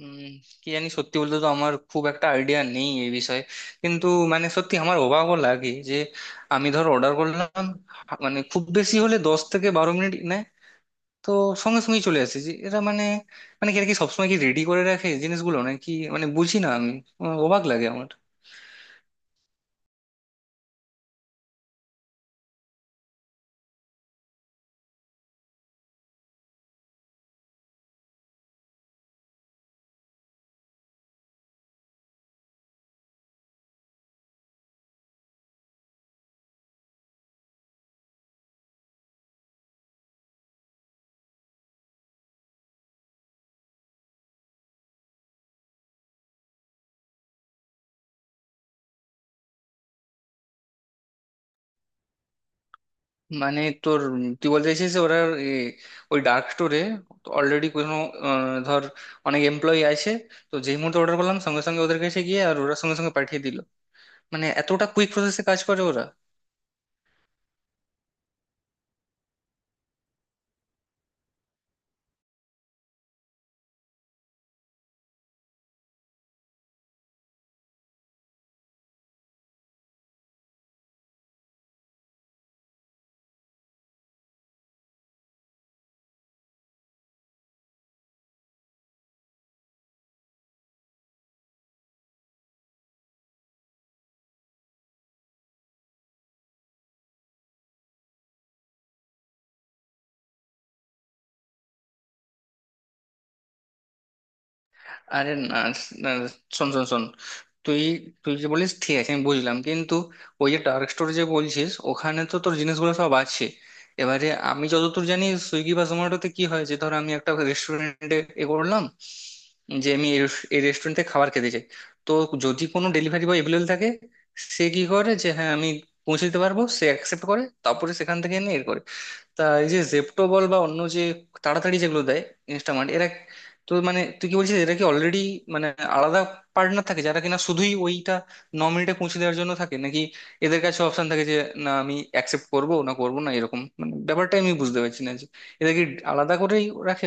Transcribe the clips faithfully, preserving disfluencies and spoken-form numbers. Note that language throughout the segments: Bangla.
উম, কি জানি, সত্যি বলতে তো আমার খুব একটা আইডিয়া নেই এই বিষয়ে। কিন্তু মানে সত্যি আমার অবাকও লাগে যে আমি ধর অর্ডার করলাম, হা- মানে খুব বেশি হলে দশ থেকে বারো মিনিট নেয়। তো সঙ্গে সঙ্গেই চলে আসে, যে এরা মানে, মানে কি আর কি সবসময় কি রেডি করে রাখে জিনিসগুলো নাকি? মানে বুঝি না আমি, আমার অবাক লাগে আমার। মানে তোর উম, তুই বলতে চাইছিস যে ওরা এ, ওই ডার্ক স্টোরে অলরেডি কোনো আহ, ধর অনেক এমপ্লয়ি আছে, তো যেই মুহূর্তে অর্ডার করলাম সঙ্গে সঙ্গে ওদের কাছে গিয়ে আর ওরা সঙ্গে সঙ্গে পাঠিয়ে দিল? মানে এতটা কুইক প্রসেসে কাজ করে ওরা? আরে না, না, শোন শোন শোন। তুই তুই যে বলিস ঠিক আছে, আমি বুঝলাম, কিন্তু ওই যে ডার্ক স্টোর যে বলছিস, ওখানে তো তোর জিনিসগুলো সব আছে। এবারে আমি যতদূর জানি সুইগি বা জোম্যাটোতে কি হয়, যে ধর আমি একটা রেস্টুরেন্টে এ করলাম যে আমি এই রেস- এই রেস্টুরেন্টে খাবার খেতে চাই। তো যদি কোনো ডেলিভারি বয় এভেলেবেল থাকে, সে কি করে যে, হ্যাঁ আমি পৌঁছে দিতে পারবো, সে অ্যাকসেপ্ট করে তারপরে সেখান থেকে এনে এর করে। তা এই যে জেপ্টো বল বা অন্য যে তাড়াতাড়ি যেগুলো দেয়, ইনস্টামার্ট, এরা তো মানে তুই কি বলছিস, এরা কি অলরেডি মানে আলাদা পার্টনার থাকে যারা কিনা শুধুই ওইটা ন মিনিটে পৌঁছে দেওয়ার জন্য থাকে নাকি? এদের কাছে অপশন থাকে যে না আমি অ্যাকসেপ্ট করবো না, করবো না, এরকম? মানে ব্যাপারটা আমি বুঝতে পারছি না যে এদের কি আলাদা করেই রাখে।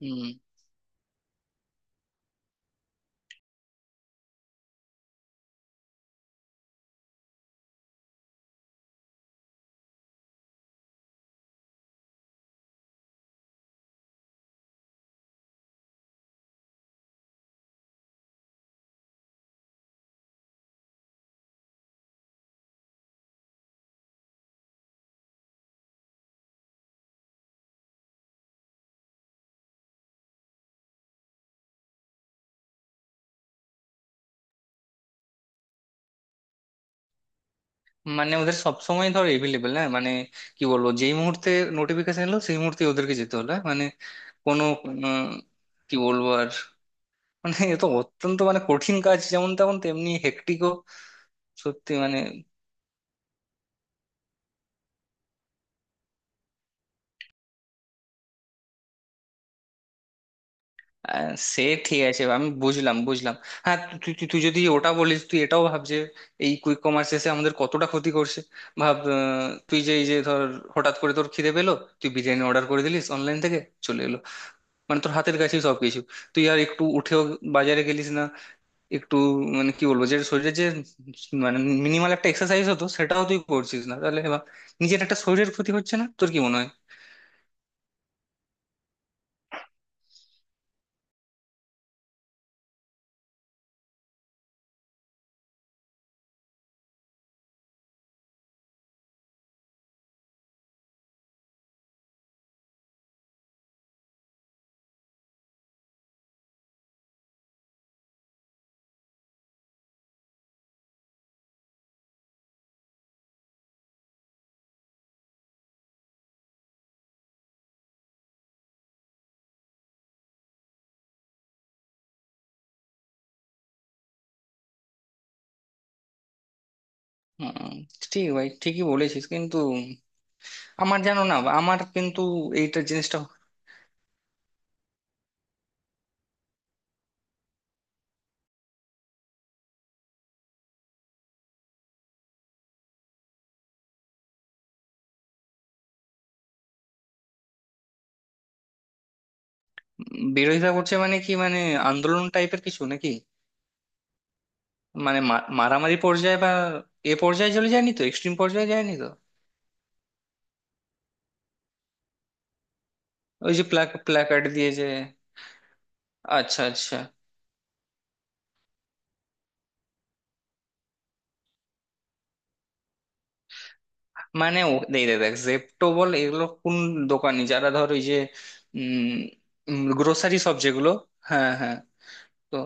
হুম। মানে ওদের সব সময় ধর এভেলেবেল, না মানে কি বলবো, যেই মুহূর্তে নোটিফিকেশন এলো সেই মুহূর্তে ওদেরকে যেতে হলো হ্যাঁ? মানে কোনো উম, কি বলবো আর, মানে এ তো অত্যন্ত মানে কঠিন কাজ, যেমন তেমন তেমনি হেক্টিকও। সত্যি মানে। আহ, সে ঠিক আছে, আমি বুঝলাম বুঝলাম। হ্যাঁ, তু- তুই তুই তুই যদি ওটা বলিস, তুই এটাও ভাব যে এই কুইক কমার্স এসে আমাদের কতটা ক্ষতি করছে। ভাব আহ, তুই যে এই যে ধর, হঠাৎ করে তোর খিদে পেলো, তুই বিরিয়ানি অর্ডার করে দিলিস অনলাইন থেকে, চলে এলো। মানে তোর হাতের কাছেই সবকিছু, তুই আর একটু উঠেও বাজারে গেলিস না, একটু মানে কি বলবো, যে শরীরের যে মানে মিনিমাল একটা এক্সারসাইজ হতো, সেটাও তুই করছিস না। তাহলে এবার নিজের একটা শরীরের ক্ষতি হচ্ছে না, তোর কি মনে হয়? হুম। ঠিক ভাই, ঠিকই বলেছিস, কিন্তু আমার জানো না আমার কিন্তু এইটা জিনিসটা। উম, বিরোধিতা করছে মানে কি মানে, আন্দোলন টাইপের কিছু নাকি? মানে মা- মারামারি পর্যায়ে বা এ পর্যায়ে চলে যায়নি তো, এক্সট্রিম পর্যায়ে যায়নি তো? ওই যে প্ল্যাকার্ড দিয়ে যে। আচ্ছা, আচ্ছা। মানে ও দেখ দেখ দেখ, জেপ্টো বল এগুলো কোন দোকানি, যারা ধর ওই যে উম গ্রোসারি সব যেগুলো। হ্যাঁ, হ্যাঁ। তো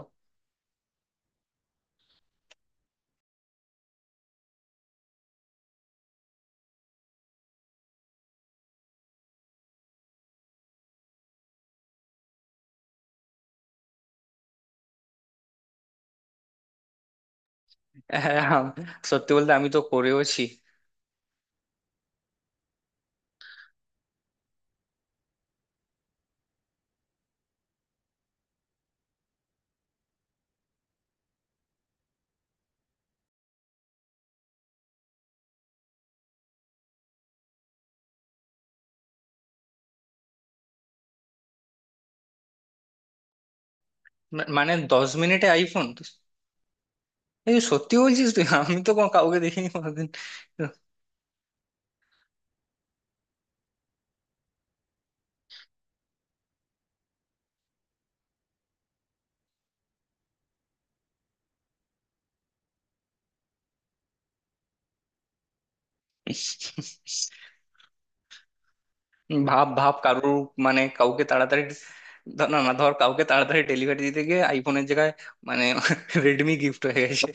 হ্যাঁ, হ্যাঁ, সত্যি বলতে আমি তো করেওছি। মা- মানে দশ মিনিটে আইফোন? এই সত্যি বলছিস তুই? আমি তো কোনো কাউকে দেখিনি কোনোদিন। ভাব ভাব কারুর, মানে কাউকে তাড়াতাড়ি, ধর- না না ধর, কাউকে তাড়াতাড়ি ডেলিভারি দিতে গিয়ে আইফোনের জায়গায় মানে রেডমি গিফট হয়ে গেছে।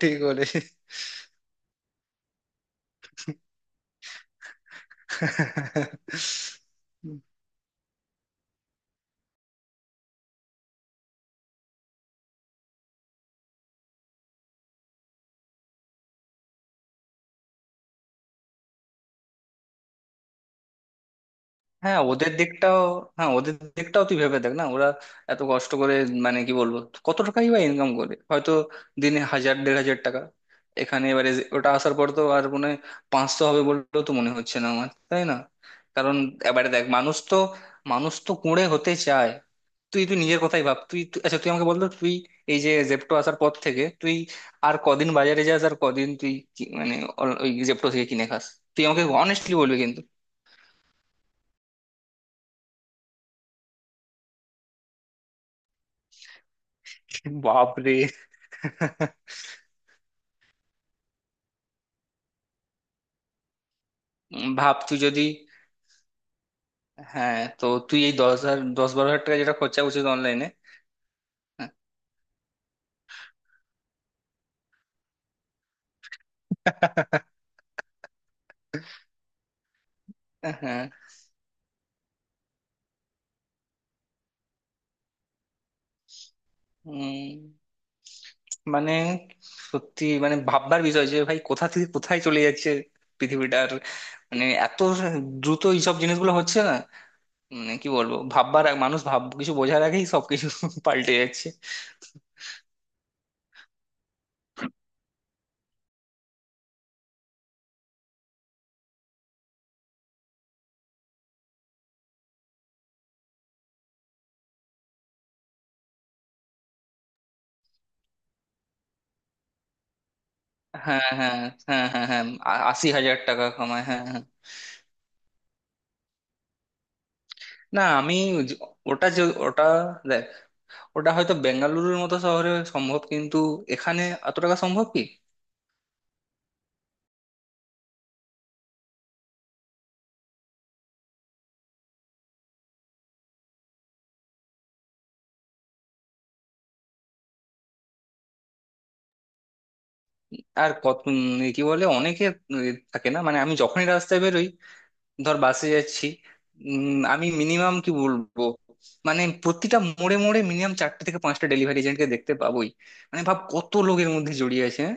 ঠিক বলেছিস। হ্যাঁ, ওদের দিকটাও, হ্যাঁ ওদের দিকটাও তুই ভেবে দেখ না। ওরা এত কষ্ট করে মানে কি বলবো, কত টাকাই বা ইনকাম করে, হয়তো দিনে হাজার দেড় হাজার টাকা। এখানে এবারে যে- ওটা আসার পর তো আর মনে হয় পাঁচশো হবে বললেও তো মনে হচ্ছে না আমার, তাই না? কারণ এবারে দেখ মানুষ তো, মানুষ তো কুঁড়ে হতে চায়। তুই তুই নিজের কথাই ভাব, তুই তুই- আচ্ছা তুই আমাকে বলতো, তুই এই যে জেপ্টো আসার পর থেকে তুই আর কদিন বাজারে যাস, আর কদিন তুই কি- মানে ওই জেপ্টো থেকে কিনে খাস? তুই আমাকে অনেস্টলি বলবি কিন্তু। বাপরে। উম, ভাব তুই যদি। হ্যাঁ, তো তুই এই দশ হাজার, দশ বারো হাজার টাকা যেটা খরচা উচিত অনলাইনে। হ্যাঁ হ্যাঁ। উম, মানে সত্যি মানে ভাববার বিষয় যে ভাই, কোথা থেকে কোথায় চলে যাচ্ছে পৃথিবীটার। মানে এত দ্রুত এইসব জিনিসগুলো হচ্ছে না, মানে কি বলবো ভাববার আগ- মানুষ ভাব কিছু বোঝার আগেই সবকিছু পাল্টে যাচ্ছে। হ্যাঁ, হ্যাঁ, হ্যাঁ, হ্যাঁ, হ্যাঁ। আ- আশি হাজার টাকা কামায়, হ্যাঁ হ্যাঁ। না আমি জ- ওটা যে, ওটা দেখ, ওটা হয়তো বেঙ্গালুরুর মতো শহরে সম্ভব, কিন্তু এখানে এত টাকা সম্ভব কি? আর কত উম, কি বলে অনেকে, উম, থাকে না মানে, আমি যখনই রাস্তায় বেরোই, ধর বাসে যাচ্ছি, উম, আমি মিনিমাম কি বলবো, মানে প্রতিটা মোড়ে মোড়ে মিনিমাম চারটে থেকে পাঁচটা ডেলিভারি এজেন্টকে দেখতে পাবোই। মানে ভাব কত লোকের মধ্যে জড়িয়ে আছে, হ্যাঁ?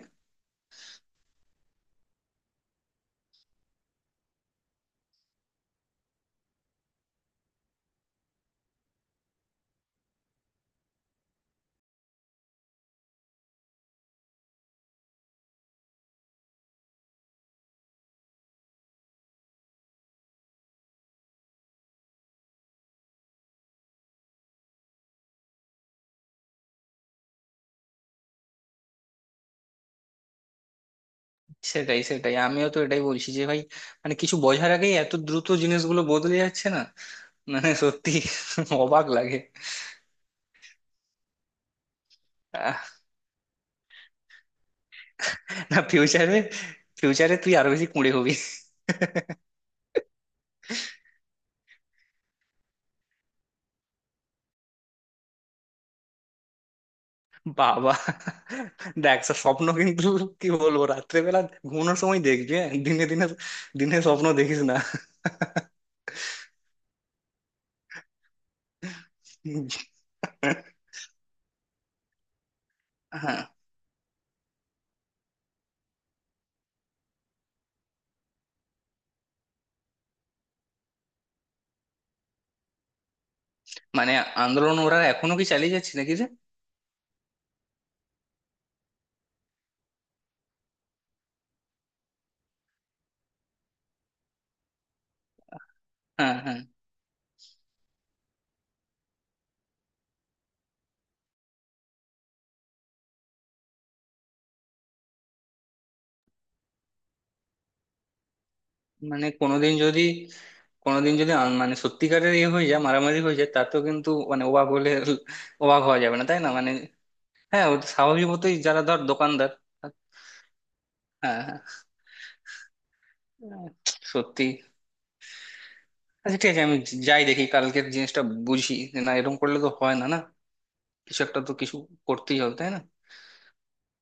সেটাই, সেটাই, আমিও তো এটাই বলছি যে ভাই, মানে কিছু বোঝার আগেই এত দ্রুত জিনিসগুলো বদলে যাচ্ছে না, মানে সত্যি অবাক লাগে। না, ফিউচারে, ফিউচারে তুই আরো বেশি কুঁড়ে হবি। বাবা, দেখ সব স্বপ্ন কিন্তু, কি বলবো, রাত্রেবেলা ঘুমানোর সময় দেখবি, হ্যাঁ দিনে দিনে, দিনে স্বপ্ন দেখিস না। হ্যাঁ। মানে আন্দোলন ওরা এখনো কি চালিয়ে যাচ্ছে নাকি রে? হ্যাঁ, হ্যাঁ। মানে কোনোদিন যদি, কোনোদিন যদি আন- মানে সত্যিকারের ইয়ে হয়ে যায়, মারামারি হয়ে যায়, তাতেও কিন্তু মানে অবাক হলে, অবাক হওয়া যাবে না তাই না মানে? হ্যাঁ, ওটা স্বাভাবিক মতোই, যারা ধর দোকানদার। হ্যাঁ হ্যাঁ। উম, সত্যি। আচ্ছা ঠিক আছে, আমি যাই দেখি কালকের জিনিসটা, বুঝি যে না এরকম করলে তো হয় না, না কিছু একটা তো কিছু করতেই হবে, তাই না?